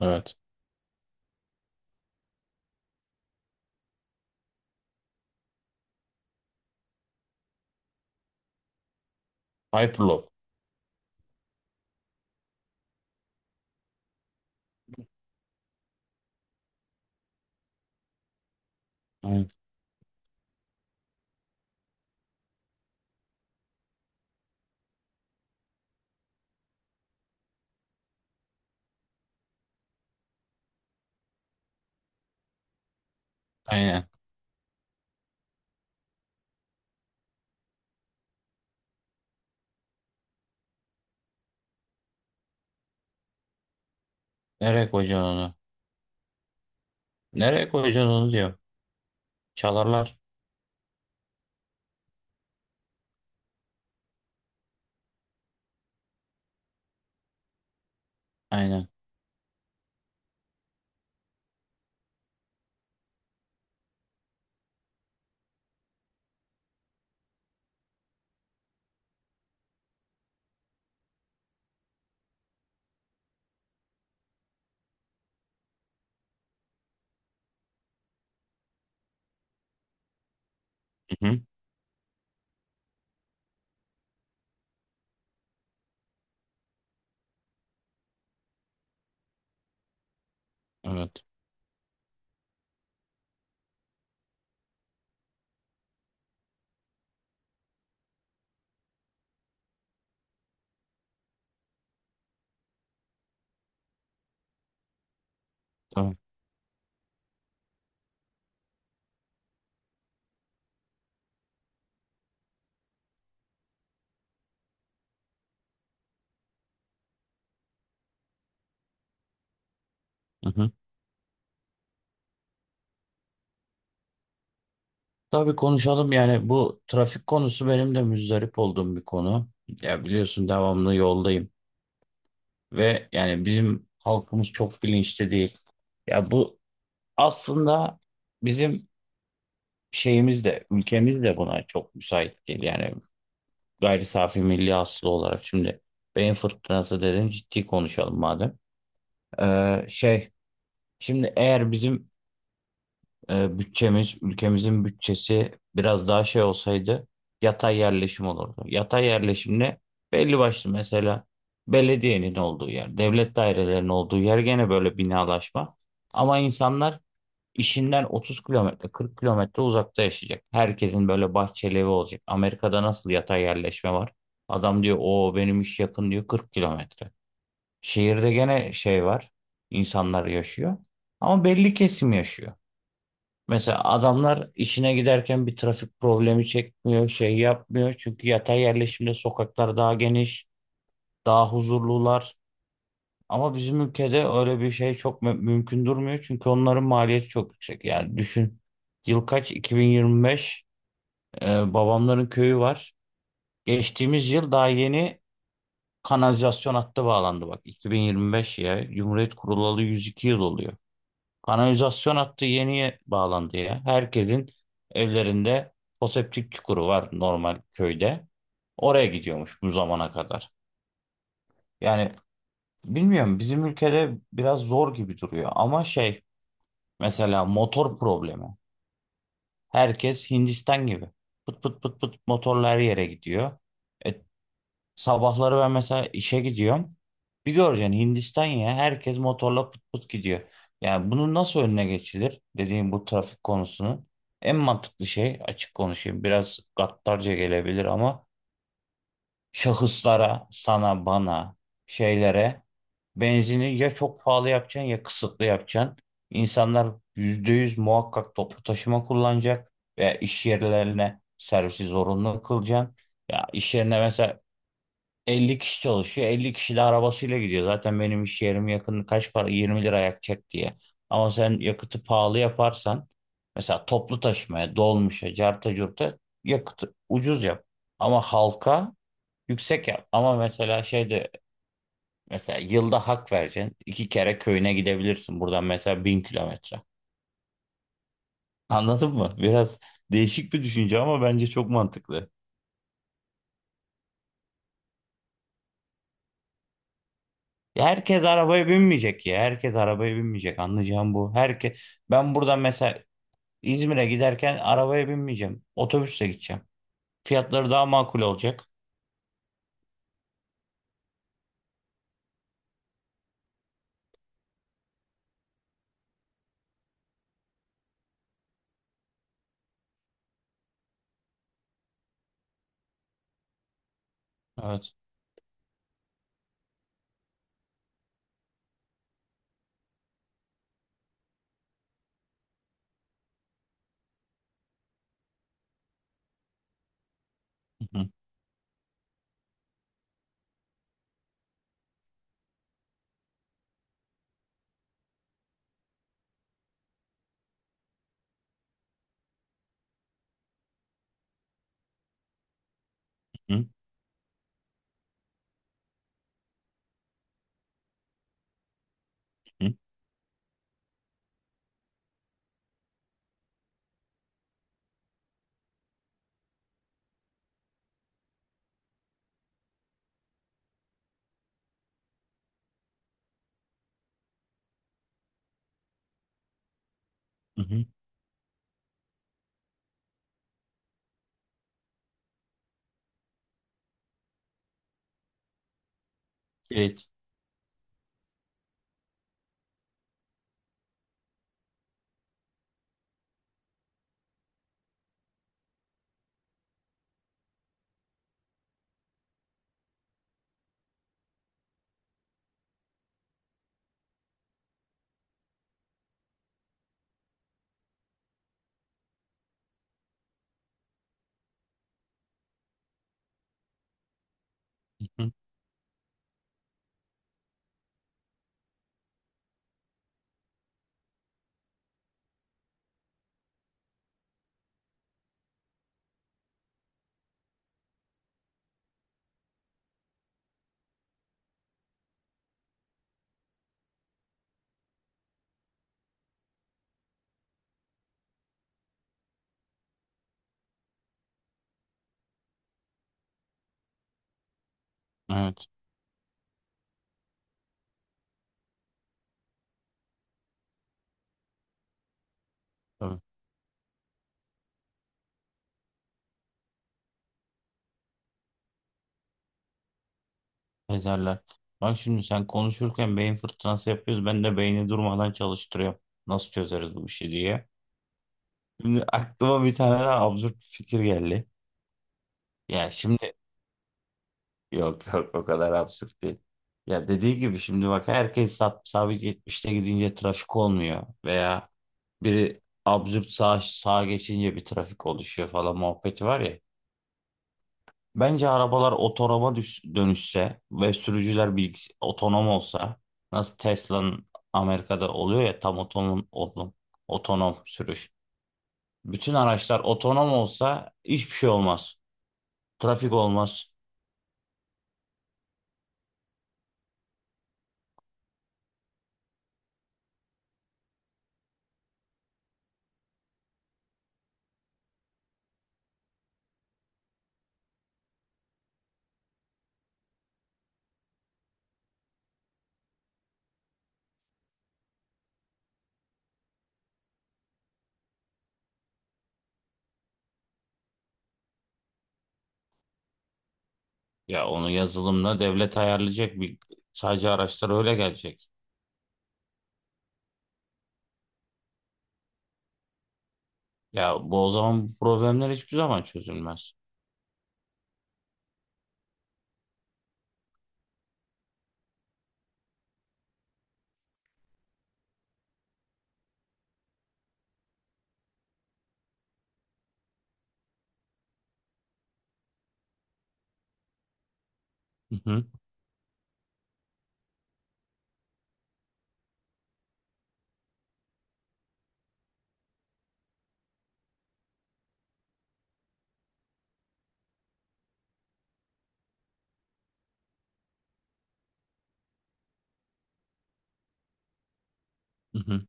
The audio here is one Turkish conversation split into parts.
Evet. Hyperloop. Aynen. Aynen. Nereye koyacaksın onu? Nereye koyacaksın onu diyor. Çalarlar. Aynen. Hı-hı. Evet. Tamam. Hı-hı. Tabii konuşalım, yani bu trafik konusu benim de müzdarip olduğum bir konu. Ya biliyorsun devamlı yoldayım ve yani bizim halkımız çok bilinçli değil. Ya bu aslında bizim şeyimiz de ülkemiz de buna çok müsait değil. Yani gayri safi milli aslı olarak şimdi beyin fırtınası dedin, ciddi konuşalım madem. Şey, şimdi eğer bizim bütçemiz, ülkemizin bütçesi biraz daha şey olsaydı yatay yerleşim olurdu. Yatay yerleşim ne? Belli başlı, mesela belediyenin olduğu yer, devlet dairelerinin olduğu yer gene böyle binalaşma. Ama insanlar işinden 30 kilometre, 40 kilometre uzakta yaşayacak. Herkesin böyle bahçeli evi olacak. Amerika'da nasıl yatay yerleşme var? Adam diyor o benim iş yakın diyor, 40 kilometre. Şehirde gene şey var. İnsanlar yaşıyor. Ama belli kesim yaşıyor. Mesela adamlar işine giderken bir trafik problemi çekmiyor, şey yapmıyor. Çünkü yatay yerleşimde sokaklar daha geniş, daha huzurlular. Ama bizim ülkede öyle bir şey çok mümkün durmuyor. Çünkü onların maliyeti çok yüksek. Yani düşün, yıl kaç? 2025. Babamların köyü var. Geçtiğimiz yıl daha yeni kanalizasyon hattı bağlandı, bak. 2025 ya. Cumhuriyet kurulalı 102 yıl oluyor. Kanalizasyon hattı yeniye bağlandı ya. Herkesin evlerinde foseptik çukuru var normal köyde. Oraya gidiyormuş bu zamana kadar. Yani bilmiyorum, bizim ülkede biraz zor gibi duruyor ama şey, mesela motor problemi. Herkes Hindistan gibi. Pıt pıt pıt pıt motorla her yere gidiyor. E Sabahları ben mesela işe gidiyorum. Bir göreceksin, Hindistan ya, herkes motorla pıt pıt gidiyor. Yani bunun nasıl önüne geçilir, dediğim bu trafik konusunun en mantıklı şey, açık konuşayım, biraz gaddarca gelebilir ama şahıslara, sana, bana, şeylere benzini ya çok pahalı yapacaksın ya kısıtlı yapacaksın. İnsanlar %100 muhakkak toplu taşıma kullanacak veya iş yerlerine servisi zorunlu kılacaksın. Ya iş yerine mesela 50 kişi çalışıyor. 50 kişi de arabasıyla gidiyor. Zaten benim iş yerim yakın, kaç para, 20 lira yakacak diye. Ama sen yakıtı pahalı yaparsan, mesela toplu taşımaya, dolmuşa, carta curta yakıtı ucuz yap. Ama halka yüksek yap. Ama mesela şeyde, mesela yılda hak vereceksin, iki kere köyüne gidebilirsin. Buradan mesela 1000 kilometre. Anladın mı? Biraz değişik bir düşünce ama bence çok mantıklı. Ya herkes arabaya binmeyecek ya. Herkes arabaya binmeyecek. Anlayacağım bu. Ben buradan mesela İzmir'e giderken arabaya binmeyeceğim. Otobüsle gideceğim. Fiyatları daha makul olacak. Evet. Hı hı hı hı hı hı. Kilit. Hı hı. Evet. Tabii. Ezerler. Bak, şimdi sen konuşurken beyin fırtınası yapıyoruz. Ben de beyni durmadan çalıştırıyorum. Nasıl çözeriz bu işi diye. Şimdi aklıma bir tane daha absürt bir fikir geldi. Ya şimdi, yok yok, o kadar absürt değil. Ya dediği gibi şimdi bak, herkes sabit 70'te gidince trafik olmuyor. Veya biri absürt sağa geçince bir trafik oluşuyor falan, muhabbeti var ya. Bence arabalar otonoma dönüşse ve sürücüler otonom olsa, nasıl Tesla'nın Amerika'da oluyor ya, tam otonom sürüş. Bütün araçlar otonom olsa hiçbir şey olmaz. Trafik olmaz. Ya onu yazılımla devlet ayarlayacak, bir sadece araçlar öyle gelecek. Ya bu o zaman bu problemler hiçbir zaman çözülmez. Hı hı, hı hı.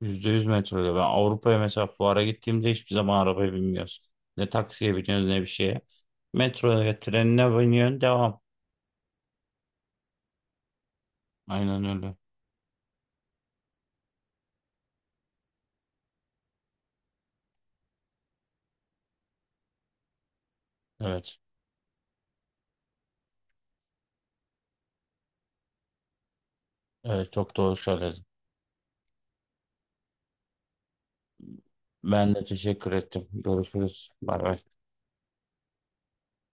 %100 metro. Ben Avrupa'ya mesela fuara gittiğimde hiçbir zaman arabaya binmiyoruz. Ne taksiye biniyoruz ne bir şeye. Metroya, trenine biniyorsun, devam. Aynen öyle. Evet. Evet, çok doğru söyledin. Ben de teşekkür ettim. Görüşürüz. Bay bay.